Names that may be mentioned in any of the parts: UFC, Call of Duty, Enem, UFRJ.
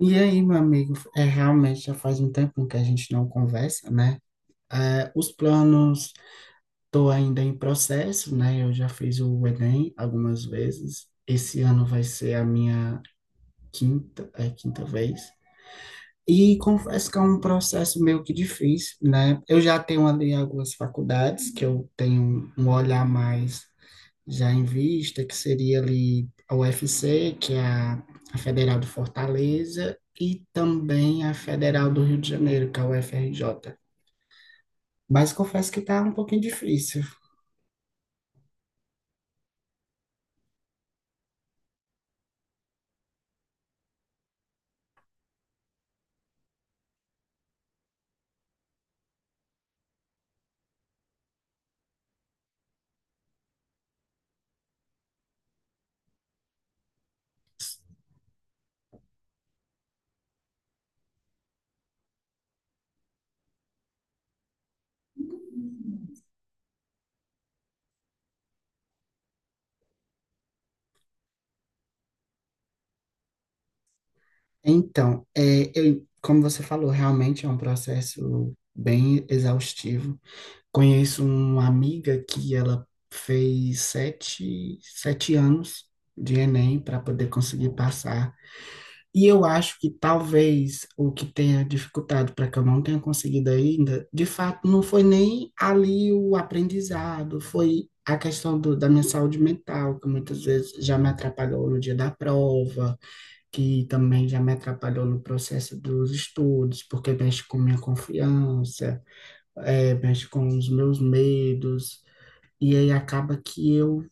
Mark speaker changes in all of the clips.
Speaker 1: E aí, meu amigo, é realmente já faz um tempo que a gente não conversa, né? Os planos, estou ainda em processo, né? Eu já fiz o Enem algumas vezes. Esse ano vai ser a minha quinta, quinta vez. E confesso que é um processo meio que difícil, né? Eu já tenho ali algumas faculdades que eu tenho um olhar mais já em vista, que seria ali a UFC, a Federal de Fortaleza, e também a Federal do Rio de Janeiro, que é a UFRJ. Mas confesso que está um pouquinho difícil. Então, eu, como você falou, realmente é um processo bem exaustivo. Conheço uma amiga que ela fez sete, sete anos de Enem para poder conseguir passar. E eu acho que talvez o que tenha dificultado para que eu não tenha conseguido ainda, de fato, não foi nem ali o aprendizado, foi a questão da minha saúde mental, que muitas vezes já me atrapalhou no dia da prova, que também já me atrapalhou no processo dos estudos, porque mexe com minha confiança, mexe com os meus medos, e aí acaba que eu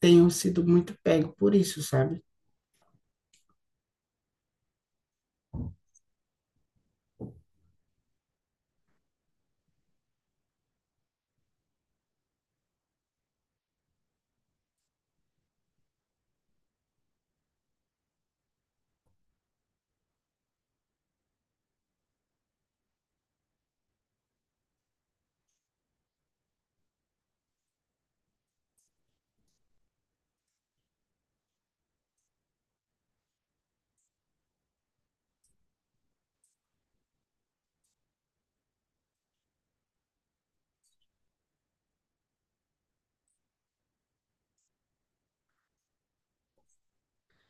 Speaker 1: tenho sido muito pego por isso, sabe?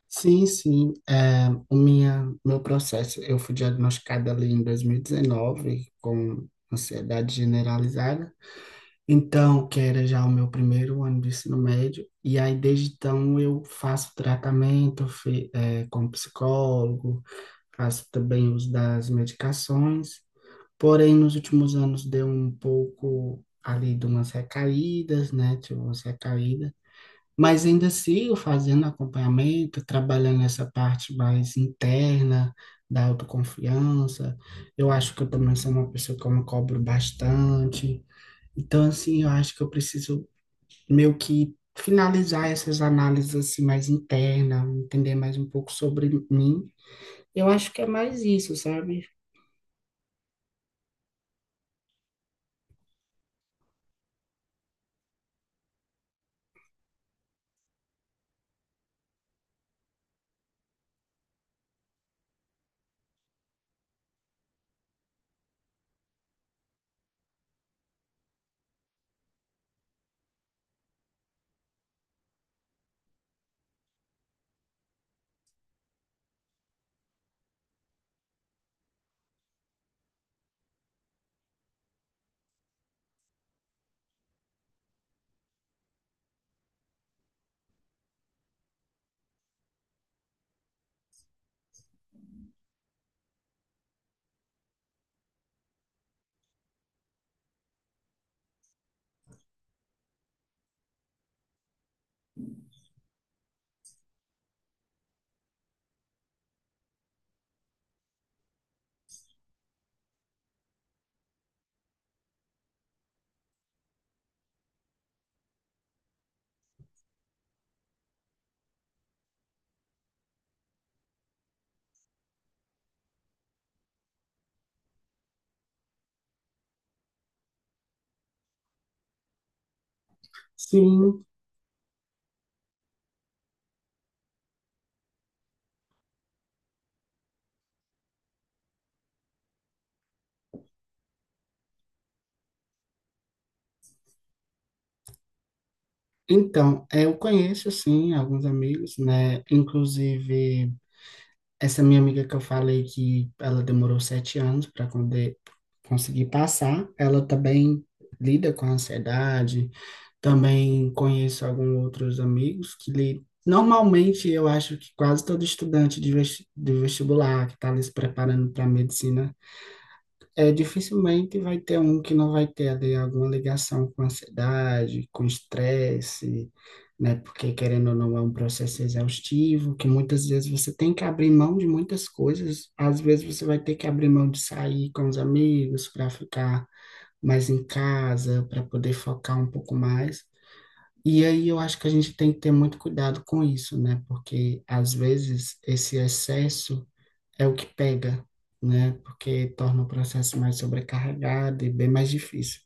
Speaker 1: Sim, sim. Meu processo, eu fui diagnosticada ali em 2019 com ansiedade generalizada. Então, que era já o meu primeiro ano de ensino médio. E aí, desde então, eu faço tratamento com psicólogo, faço também uso das medicações. Porém, nos últimos anos deu um pouco ali de umas recaídas, né? Tive umas recaídas. Mas ainda sigo fazendo acompanhamento, trabalhando essa parte mais interna da autoconfiança. Eu acho que eu também sou uma pessoa que eu me cobro bastante. Então, assim, eu acho que eu preciso meio que finalizar essas análises assim mais internas, entender mais um pouco sobre mim. Eu acho que é mais isso, sabe? Sim. Então, eu conheço, sim, alguns amigos, né? Inclusive, essa minha amiga que eu falei que ela demorou sete anos para conseguir passar, ela também lida com ansiedade. Também conheço alguns outros amigos que li... Normalmente, eu acho que quase todo estudante de vestibular que está ali se preparando para medicina, dificilmente vai ter um que não vai ter ali alguma ligação com ansiedade, com estresse, né? Porque, querendo ou não, é um processo exaustivo, que muitas vezes você tem que abrir mão de muitas coisas. Às vezes você vai ter que abrir mão de sair com os amigos para ficar mais em casa, para poder focar um pouco mais. E aí eu acho que a gente tem que ter muito cuidado com isso, né? Porque às vezes esse excesso é o que pega, né? Porque torna o processo mais sobrecarregado e bem mais difícil.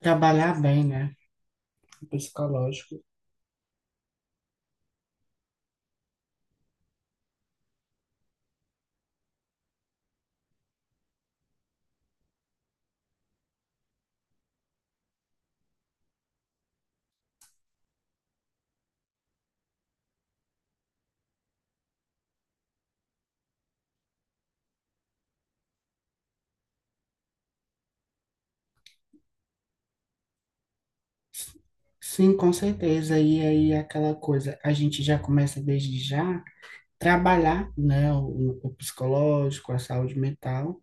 Speaker 1: Trabalhar bem, né? O psicológico. Sim, com certeza. E aí, é aquela coisa, a gente já começa desde já trabalhar, né? O psicológico, a saúde mental,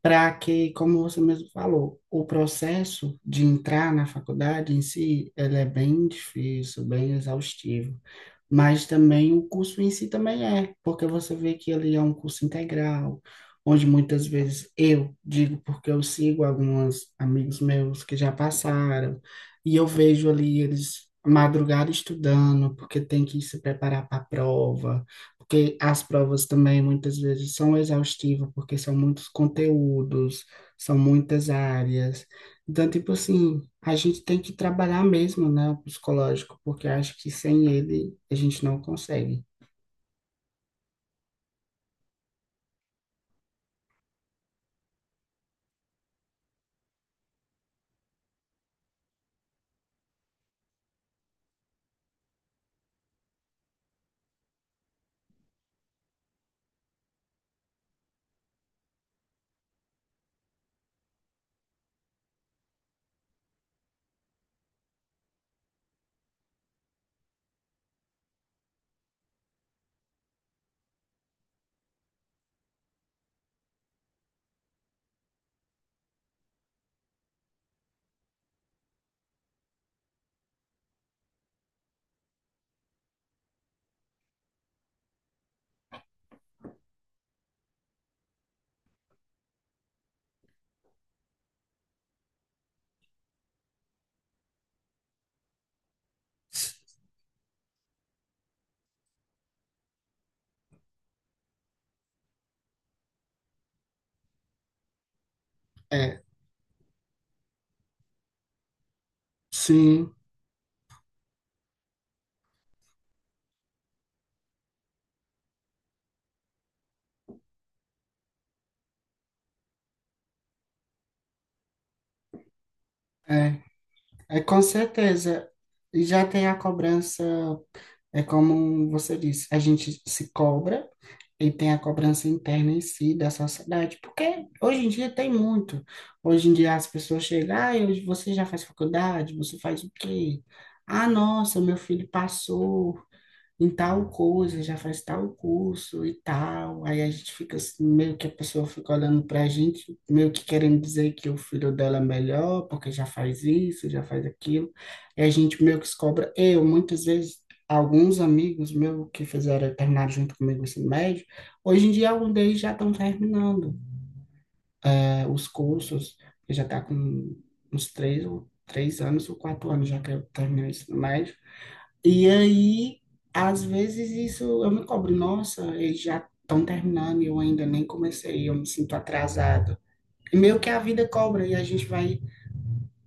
Speaker 1: para que, como você mesmo falou, o processo de entrar na faculdade em si, ele é bem difícil, bem exaustivo, mas também o curso em si também é, porque você vê que ele é um curso integral, onde muitas vezes eu digo, porque eu sigo alguns amigos meus que já passaram, e eu vejo ali eles madrugar estudando, porque tem que se preparar para a prova, porque as provas também muitas vezes são exaustivas, porque são muitos conteúdos, são muitas áreas. Então, tipo assim, a gente tem que trabalhar mesmo, né, o psicológico, porque eu acho que sem ele a gente não consegue. É, sim, é, é, com certeza. E já tem a cobrança, é como você disse, a gente se cobra e tem a cobrança interna em si da sociedade, porque hoje em dia tem muito. Hoje em dia as pessoas chegam, ah, hoje você já faz faculdade, você faz o quê? Ah, nossa, meu filho passou em tal coisa, já faz tal curso e tal. Aí a gente fica assim, meio que a pessoa fica olhando pra gente, meio que querendo dizer que o filho dela é melhor, porque já faz isso, já faz aquilo. E a gente meio que se cobra. Eu, muitas vezes, alguns amigos meus que fizeram, terminaram junto comigo o ensino médio, hoje em dia alguns deles já estão terminando, os cursos, que já tá com uns três ou três anos ou quatro anos já que eu terminei o ensino médio. E aí, às vezes isso eu me cobro, nossa, eles já estão terminando e eu ainda nem comecei, eu me sinto atrasado. E meio que a vida cobra e a gente vai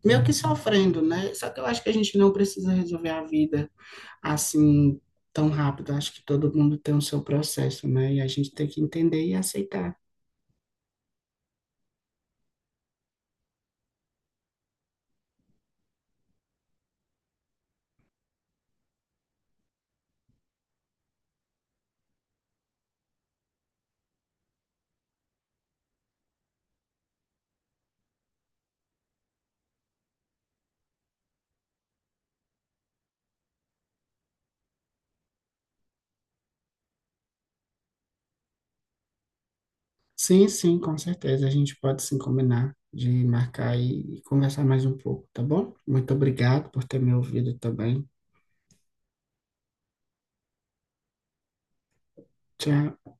Speaker 1: meio que sofrendo, né? Só que eu acho que a gente não precisa resolver a vida assim tão rápido. Acho que todo mundo tem o seu processo, né? E a gente tem que entender e aceitar. Sim, sim, com certeza. A gente pode sim combinar de marcar e conversar mais um pouco, tá bom? Muito obrigado por ter me ouvido também. Tchau.